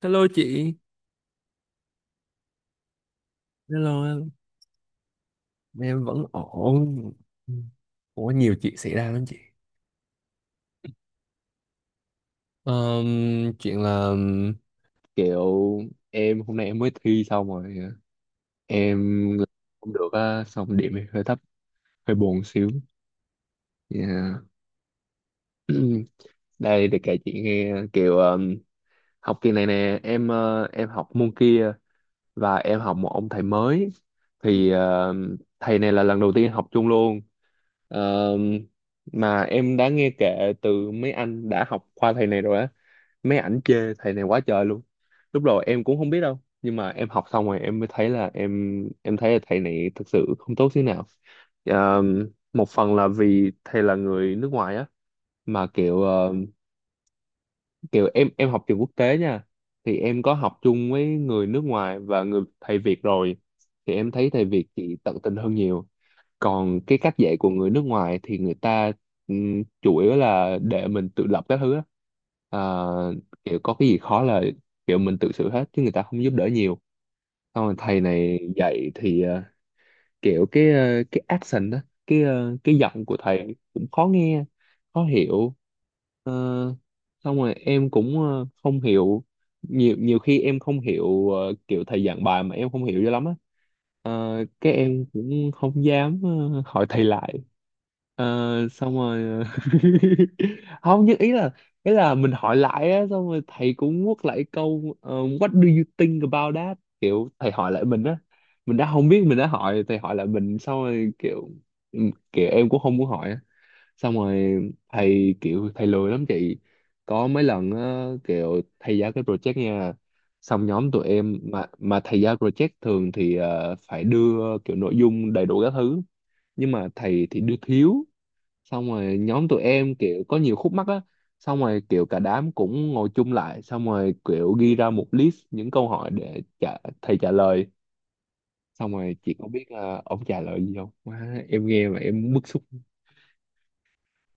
Hello chị. Hello, hello. Em vẫn ổn. Ủa, nhiều chuyện xảy ra lắm chị. Ờm, Chuyện là kiểu hôm nay em mới thi xong rồi. em Cũng được á, xong điểm hơi thấp, hơi buồn xíu. Yeah. Đây để kể chị nghe kiểu học kỳ này nè, em học môn kia và em học một ông thầy mới, thì ờ, thầy này là lần đầu tiên học chung luôn. Ờ, mà em đã nghe kể từ mấy anh đã học qua thầy này rồi á, mấy ảnh chê thầy này quá trời luôn. Lúc đầu em cũng không biết đâu, nhưng mà em học xong rồi em mới thấy là em thấy là thầy này thực sự không tốt thế nào. Ờ, Một phần là vì thầy là người nước ngoài á, mà kiểu kiểu em học trường quốc tế nha, thì em có học chung với người nước ngoài và người thầy Việt rồi, thì em thấy thầy Việt chị tận tình hơn nhiều. Còn cái cách dạy của người nước ngoài thì người ta, chủ yếu là để mình tự lập các thứ á. À, kiểu có cái gì khó là kiểu mình tự xử hết, chứ người ta không giúp đỡ nhiều. Xong rồi thầy này dạy thì kiểu cái accent đó, cái giọng của thầy cũng khó nghe, khó hiểu. Ờ, Xong rồi em cũng không hiểu. Nhiều Nhiều khi em không hiểu, kiểu thầy giảng bài mà em không hiểu cho lắm á. Cái em cũng không dám, hỏi thầy lại. Ờ, xong rồi không, nhưng ý là, mình hỏi lại á, xong rồi thầy cũng quất lại câu what do you think about that, kiểu thầy hỏi lại mình á. Mình đã không biết, mình đã hỏi, thầy hỏi lại mình, xong rồi kiểu kiểu em cũng không muốn hỏi á. Xong rồi thầy lười lắm chị. Có mấy lần á, kiểu thầy giao cái project nha, xong nhóm tụi em, mà thầy giao project thường thì phải đưa kiểu nội dung đầy đủ các thứ, nhưng mà thầy thì đưa thiếu. Xong rồi nhóm tụi em kiểu có nhiều khúc mắc á. Xong rồi kiểu cả đám cũng ngồi chung lại, xong rồi kiểu ghi ra một list những câu hỏi để thầy trả lời. Xong rồi chị có biết là ông trả lời gì không? Má, em nghe mà em bức xúc.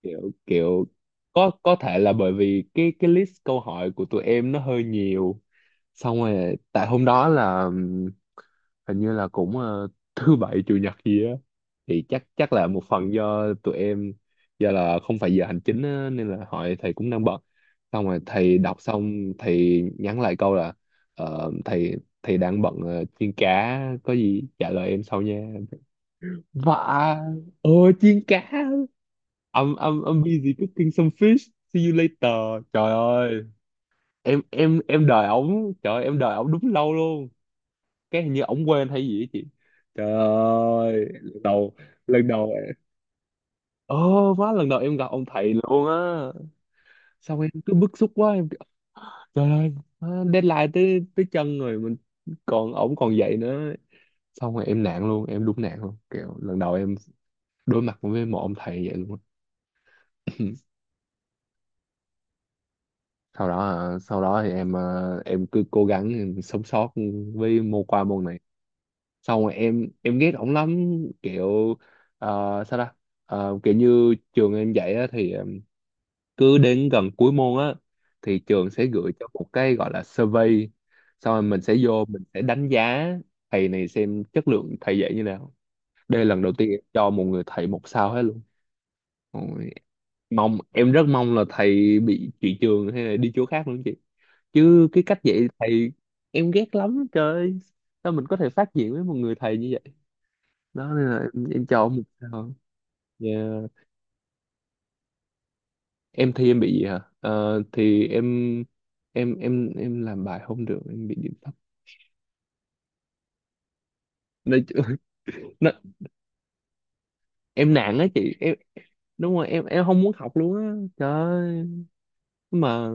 Kiểu kiểu có thể là bởi vì cái list câu hỏi của tụi em nó hơi nhiều, xong rồi tại hôm đó là hình như là cũng thứ bảy chủ nhật gì á, thì chắc chắc là một phần do tụi em, do là không phải giờ hành chính á, nên là hỏi thầy cũng đang bận. Xong rồi thầy đọc xong, thầy nhắn lại câu là ờ, thầy thầy đang bận chiên cá, có gì trả lời em sau nha. Vả, ờ, chiên cá. I'm, I'm, I'm busy cooking some fish, see you later. Trời ơi, em đợi ổng. Trời ơi, em đợi ổng đúng lâu luôn. Cái hình như ổng quên hay gì á chị. Trời ơi, lần đầu. Ồ, má, lần đầu em gặp ông thầy luôn á. Xong em cứ bức xúc quá, em kiểu, trời ơi, má, deadline tới tới chân rồi mình, còn ổng còn dạy nữa. Xong rồi em nạn luôn, em đúng nạn luôn. Kiểu lần đầu em đối mặt với một ông thầy vậy luôn á. Sau đó, à, sau đó thì em, à, em cứ cố gắng em sống sót với môn qua môn này. Xong rồi em ghét ổng lắm, kiểu à, sao ta? À, kiểu như trường em dạy á, thì à, cứ đến gần cuối môn á thì trường sẽ gửi cho một cái gọi là survey, xong rồi mình sẽ đánh giá thầy này, xem chất lượng thầy dạy như nào. Đây là lần đầu tiên em cho một người thầy một sao hết luôn. Ôi, mong, em rất mong là thầy bị chuyển trường hay là đi chỗ khác luôn chị. Chứ cái cách dạy thầy em ghét lắm trời ơi. Sao mình có thể phát triển với một người thầy như vậy. Đó nên là em cho một sao. Yeah. Em thấy em bị gì hả? Ờ, thì em làm bài không được, em bị điểm thấp. Nói chứ- nó, em nản á chị. Đúng rồi, em không muốn học luôn á trời ơi. Nhưng mà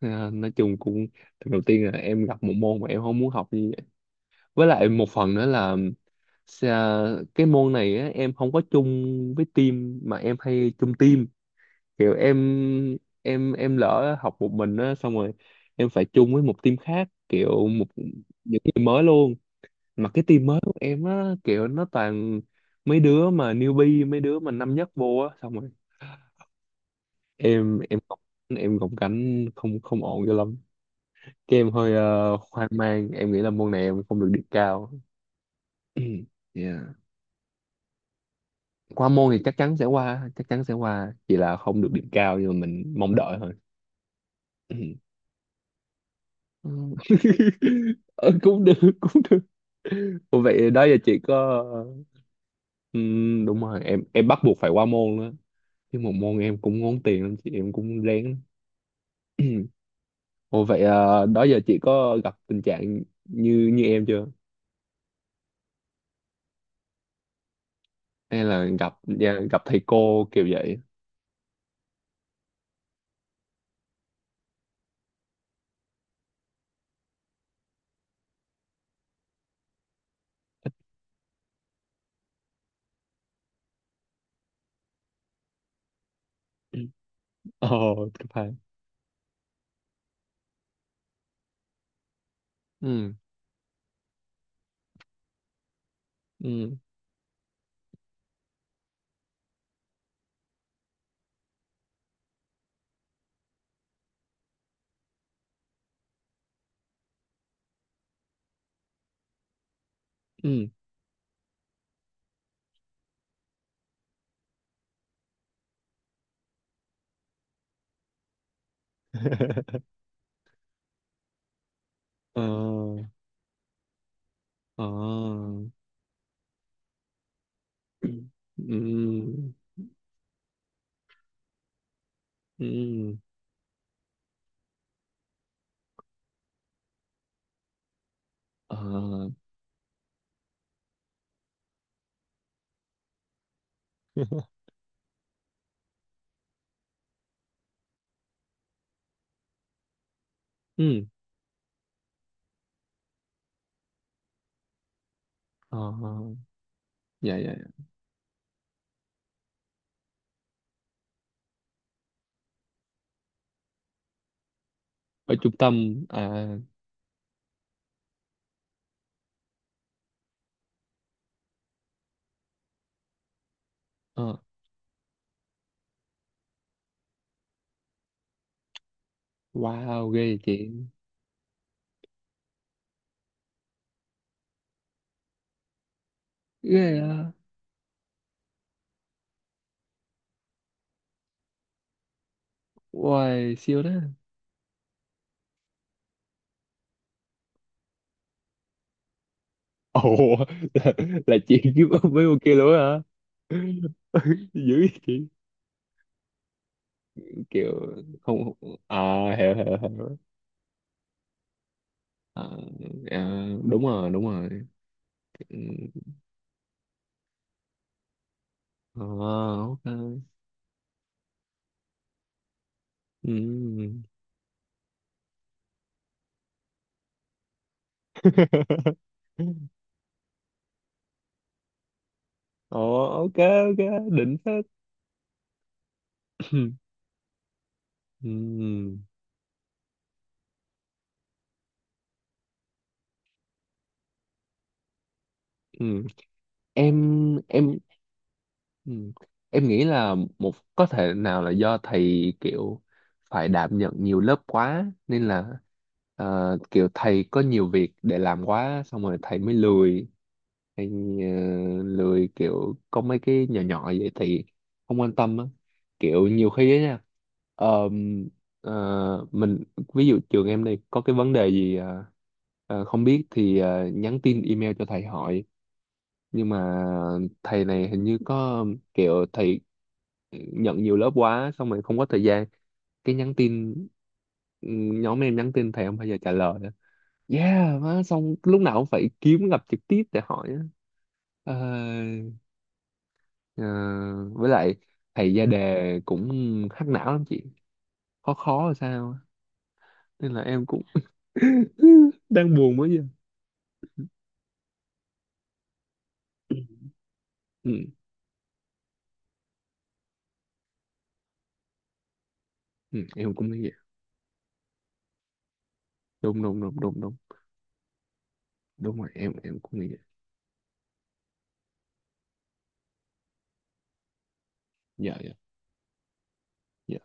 à, nói chung cũng, lần đầu tiên là em gặp một môn mà em không muốn học như vậy. Với lại một phần nữa là, cái môn này á, em không có chung với team mà em hay chung team. Kiểu em lỡ học một mình á, xong rồi em phải chung với một team khác, kiểu những người mới luôn. Mà cái team mới của em á, kiểu nó toàn mấy đứa mà newbie, mấy đứa mà năm nhất vô á. Xong rồi em em gồng- em gồng cánh không không ổn cho lắm. Cái em hơi hoang mang, em nghĩ là môn này em không được điểm cao. Yeah. Qua môn thì chắc chắn sẽ qua, chắc chắn sẽ qua, chỉ là không được điểm cao, nhưng mà mình mong đợi thôi. Ừ. Ờ, cũng được, cũng được. Ủa vậy đó giờ chị có, ừ, đúng rồi, em bắt buộc phải qua môn đó. Chứ một môn em cũng ngốn tiền lắm chị, em cũng rén lắm. Ồ vậy à, đó giờ chị có gặp tình trạng như như em chưa? Hay là gặp, dạ, gặp thầy cô kiểu vậy? Ồ, cấp hai. Ừ, ừ, ừ. Ờ, ờ. Ừ, ừ, ờ. Ừ, ờ. Dạ, dạ, dạ. Ở trung tâm à, ờ. Wow, ghê chị. Ghê à. Wow, siêu đó. Ồ, là, là chị kiếm mấy cô kia luôn á hả? Dữ vậy chị. Kiểu không... À, hiểu, hiểu, hiểu. À, à, đúng rồi, đúng rồi. Ừ. À, ok. Ừ. Ồ, ok, ok. Đỉnh phết. Ừ. Ừ. Em, em Ừ. Em nghĩ là một, có thể nào là do thầy kiểu phải đảm nhận nhiều lớp quá nên là kiểu thầy có nhiều việc để làm quá, xong rồi thầy mới lười. Hay ờ, lười kiểu có mấy cái nhỏ nhỏ vậy thì không quan tâm á. Kiểu nhiều khi á nha, ờm, mình, ví dụ trường em đi có cái vấn đề gì không biết thì nhắn tin email cho thầy hỏi, nhưng mà thầy này hình như có kiểu thầy nhận nhiều lớp quá, xong rồi không có thời gian. Cái nhắn tin, ừ, nhóm em nhắn tin thầy không bao giờ trả lời á. Yeah má. Xong lúc nào cũng phải kiếm gặp trực tiếp để hỏi á. Ờ, ờ, với lại thầy ra đề cũng hack não lắm chị, khó, khó là sao á. Nên là em cũng đang buồn mới giờ. Ừ, ừ, em cũng nghĩ vậy. Đúng, đúng, đúng, đúng, đúng. Đúng rồi, em cũng nghĩ vậy. Dạ, dạ, dạ.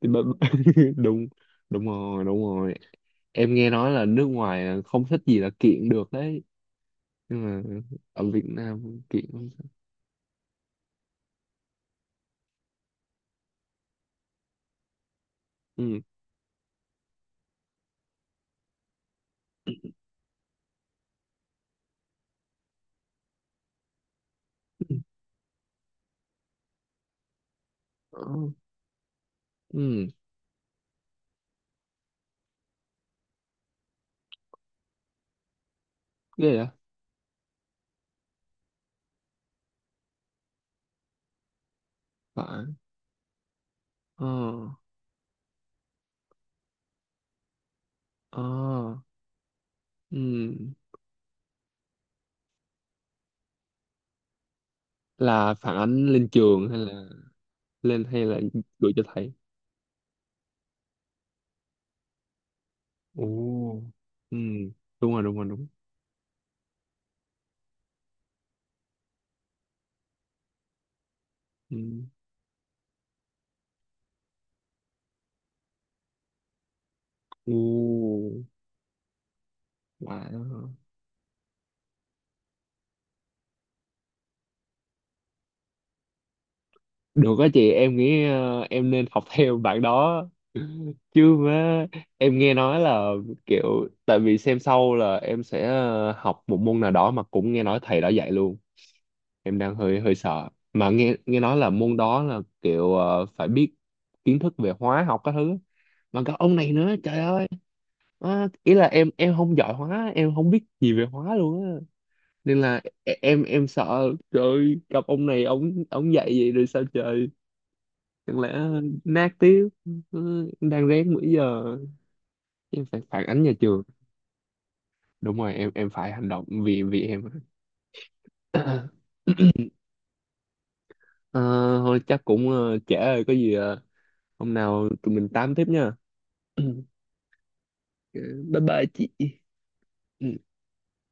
Thì bà- đúng, đúng rồi, đúng rồi. Em nghe nói là nước ngoài không thích gì là kiện được đấy, nhưng mà ở Việt Nam kiện không thích. Ừ, ừ, ừ, ghê vậy. Phải, ờ, ờ, ừ. Là phản ánh lên trường hay là lên, hay là gửi cho thầy? Ồ, ừ, đúng rồi, đúng rồi, đúng. Ừ. Ồ. Wow. Được á chị, em nghĩ em nên học theo bạn đó. Chứ mà em nghe nói là kiểu, tại vì xem sau là em sẽ học một môn nào đó mà cũng nghe nói thầy đã dạy luôn. Em đang hơi hơi sợ. Mà nghe nghe nói là môn đó là kiểu phải biết kiến thức về hóa học các thứ. Mà cả ông này nữa, trời ơi. Má, ý là em không giỏi hóa, em không biết gì về hóa luôn á. Nên là em sợ trời ơi, gặp ông này, ông dạy vậy rồi sao trời, chẳng lẽ nát tiếp. Ừ, đang rén bữa giờ, em phải phản ánh nhà trường. Đúng rồi, em phải hành động, vì vì em. Ờ, thôi chắc cũng trễ rồi, có gì hôm nào tụi mình tám tiếp nha. Bye bye chị. Ừ.